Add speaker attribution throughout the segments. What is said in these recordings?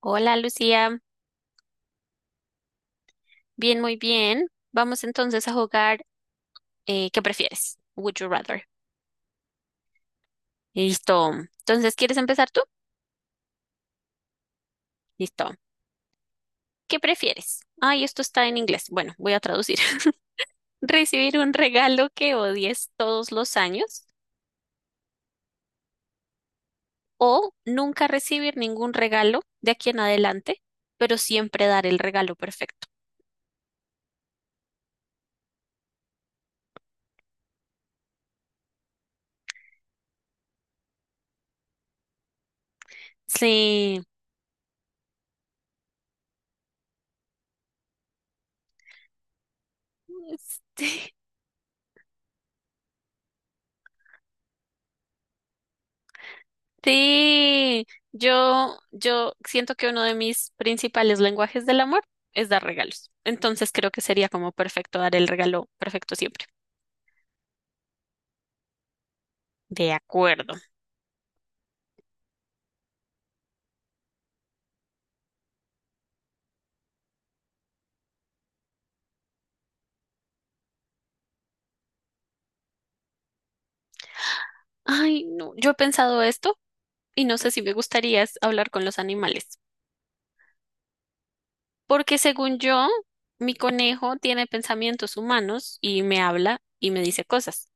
Speaker 1: Hola Lucía, bien, muy bien. Vamos entonces a jugar, ¿qué prefieres? Would you rather. Listo. Entonces, ¿quieres empezar tú? Listo. ¿Qué prefieres? Ay, esto está en inglés. Bueno, voy a traducir. ¿Recibir un regalo que odies todos los años o nunca recibir ningún regalo de aquí en adelante, pero siempre dar el regalo perfecto? Sí. Sí, yo siento que uno de mis principales lenguajes del amor es dar regalos. Entonces creo que sería como perfecto dar el regalo perfecto siempre. De acuerdo. Ay, no, yo he pensado esto y no sé si me gustaría es hablar con los animales, porque según yo, mi conejo tiene pensamientos humanos y me habla y me dice cosas.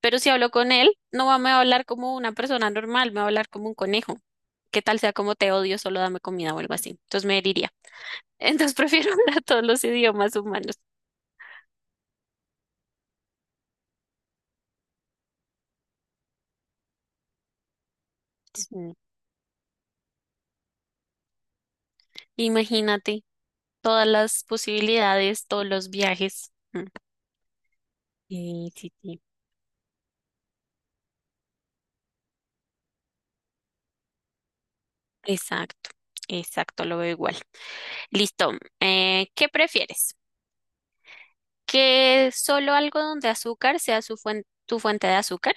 Speaker 1: Pero si hablo con él, no va- me va a hablar como una persona normal, me va a hablar como un conejo. ¿Qué tal sea como te odio, solo dame comida o algo así? Entonces me heriría. Entonces prefiero hablar todos los idiomas humanos. Mm. Imagínate todas las posibilidades, todos los viajes. Mm. Sí, sí, sí. Exacto, exacto, lo veo igual. Listo. ¿Qué prefieres? ¿Que solo algodón de azúcar sea tu fuente de azúcar?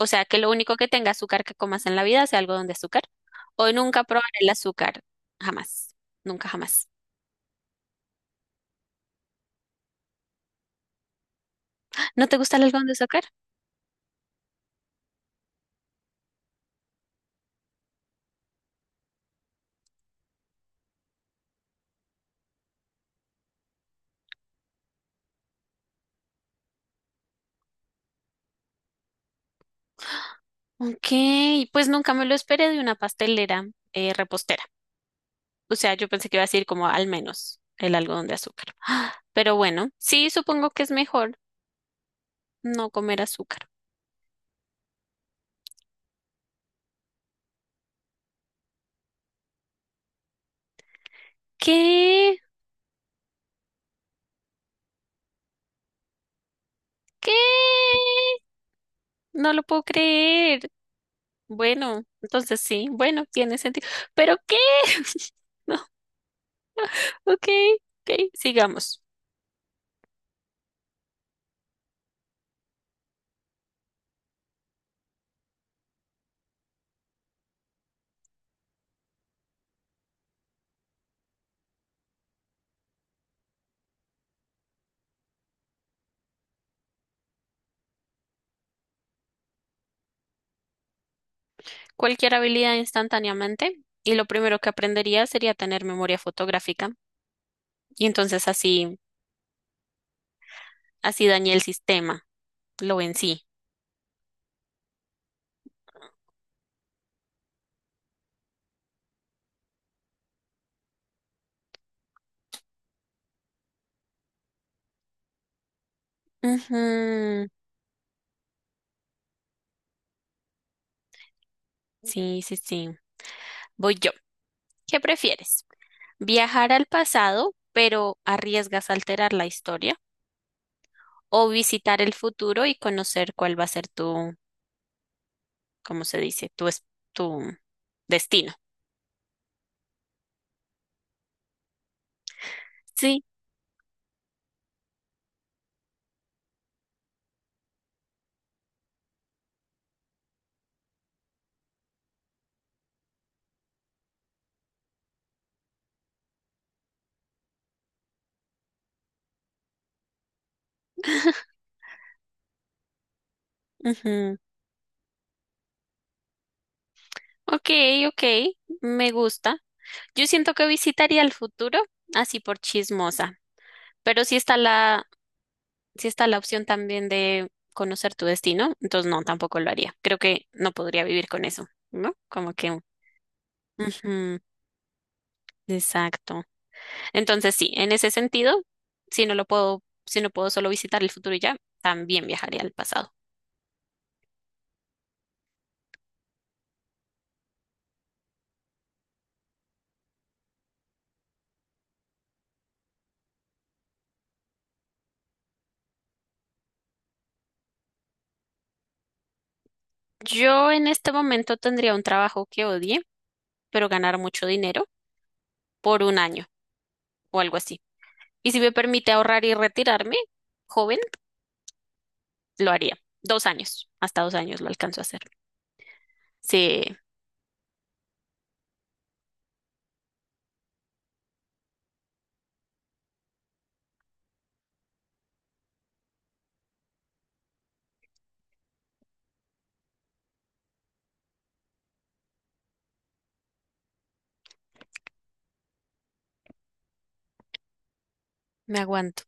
Speaker 1: O sea, que lo único que tenga azúcar que comas en la vida sea algodón de azúcar. ¿O nunca probar el azúcar? Jamás. Nunca jamás. ¿No te gusta el algodón de azúcar? Ok, pues nunca me lo esperé de una pastelera, repostera. O sea, yo pensé que iba a decir como al menos el algodón de azúcar. Ah, pero bueno, sí, supongo que es mejor no comer azúcar. ¿Qué? ¿Qué? No lo puedo creer. Bueno, entonces sí, bueno, tiene sentido. ¿Pero qué? No, ok, ok, sigamos. Cualquier habilidad instantáneamente y lo primero que aprendería sería tener memoria fotográfica y entonces así, así dañé el sistema. Lo vencí. Ujú. Sí, sí, sí. Voy yo. ¿Qué prefieres? ¿Viajar al pasado, pero arriesgas a alterar la historia? ¿O visitar el futuro y conocer cuál va a ser tu, cómo se dice, tu, tu destino? Sí. Ujú. Ok, ok. Me gusta. Yo siento que visitaría el futuro así por chismosa. Pero si está la sí está la opción también de conocer tu destino, entonces no, tampoco lo haría. Creo que no podría vivir con eso, ¿no? Como que... ujú, exacto. Entonces sí, en ese sentido, si no puedo solo visitar el futuro y ya, también viajaría al pasado. Yo en este momento tendría un trabajo que odie, pero ganar mucho dinero por un año o algo así. Y si me permite ahorrar y retirarme, joven, lo haría. Dos años, hasta dos años lo alcanzo a hacer. Sí, me aguanto.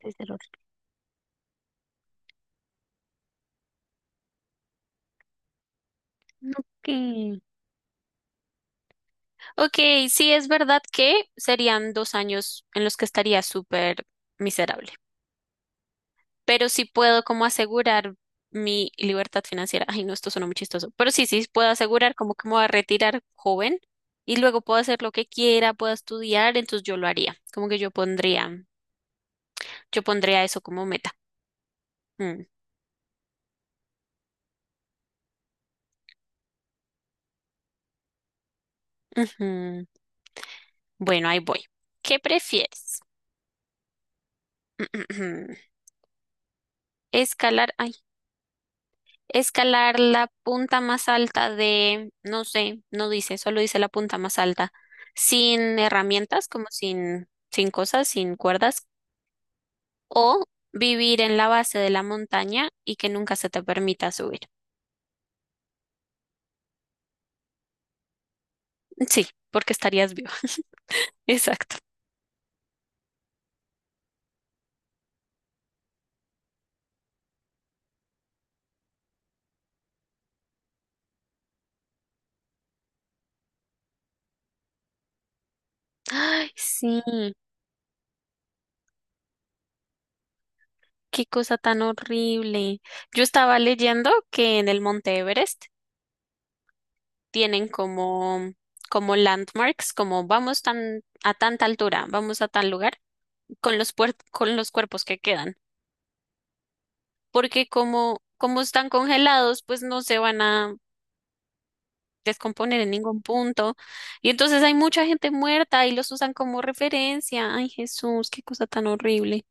Speaker 1: Desde el otro. Ok, ok, sí es verdad que serían dos años en los que estaría súper miserable, pero sí puedo como asegurar mi libertad financiera. Ay, no, esto suena muy chistoso, pero sí, sí puedo asegurar como que me voy a retirar joven y luego puedo hacer lo que quiera, puedo estudiar, entonces yo lo haría, como que yo pondría eso como meta. Mm, ujú. Bueno, ahí voy. ¿Qué prefieres? Escalar, ay, escalar la punta más alta de, no sé, no dice, solo dice la punta más alta, sin herramientas, como sin, sin cosas, sin cuerdas, o vivir en la base de la montaña y que nunca se te permita subir. Sí, porque estarías vivo. Exacto. Ay, sí, qué cosa tan horrible. Yo estaba leyendo que en el Monte Everest tienen como, como landmarks, como vamos tan, a tanta altura, vamos a tal lugar, con los, con los cuerpos que quedan. Porque como, como están congelados, pues no se van a descomponer en ningún punto. Y entonces hay mucha gente muerta y los usan como referencia. Ay, Jesús, qué cosa tan horrible.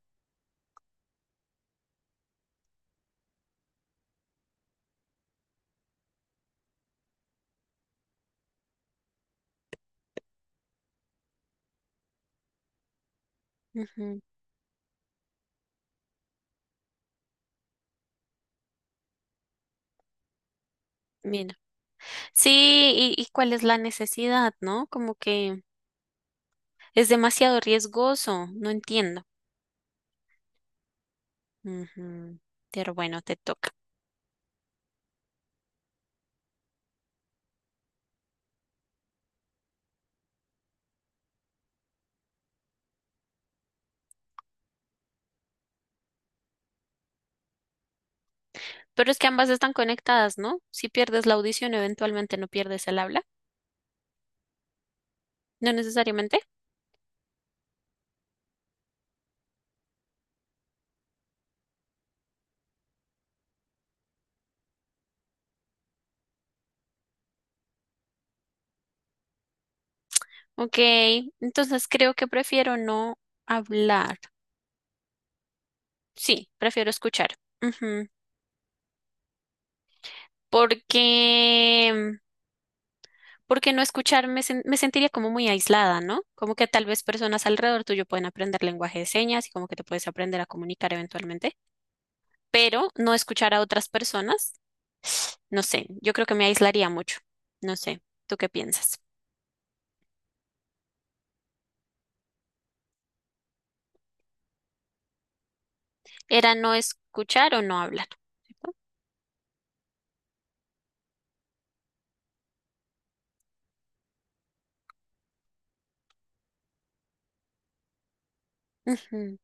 Speaker 1: Ujú, mira. Sí, y cuál es la necesidad, ¿no? Como que es demasiado riesgoso, no entiendo. Ujú, pero bueno, te toca. Pero es que ambas están conectadas, ¿no? Si pierdes la audición, eventualmente no pierdes el habla. No necesariamente. Ok, entonces creo que prefiero no hablar. Sí, prefiero escuchar. Ujú. Porque, porque no escuchar me sentiría como muy aislada, ¿no? Como que tal vez personas alrededor tuyo pueden aprender lenguaje de señas y como que te puedes aprender a comunicar eventualmente, pero no escuchar a otras personas, no sé, yo creo que me aislaría mucho, no sé, ¿tú qué piensas? Era no escuchar o no hablar, ¿cierto? Ujú,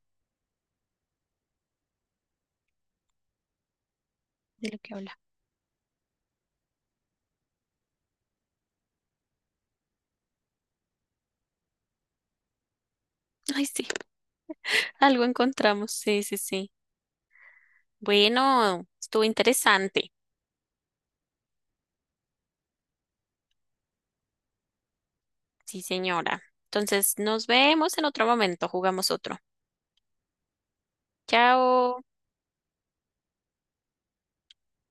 Speaker 1: de lo que habla. Ay, sí, algo encontramos, sí, sí, sí. Bueno, estuvo interesante. Sí, señora. Entonces, nos vemos en otro momento. Jugamos otro. Chao.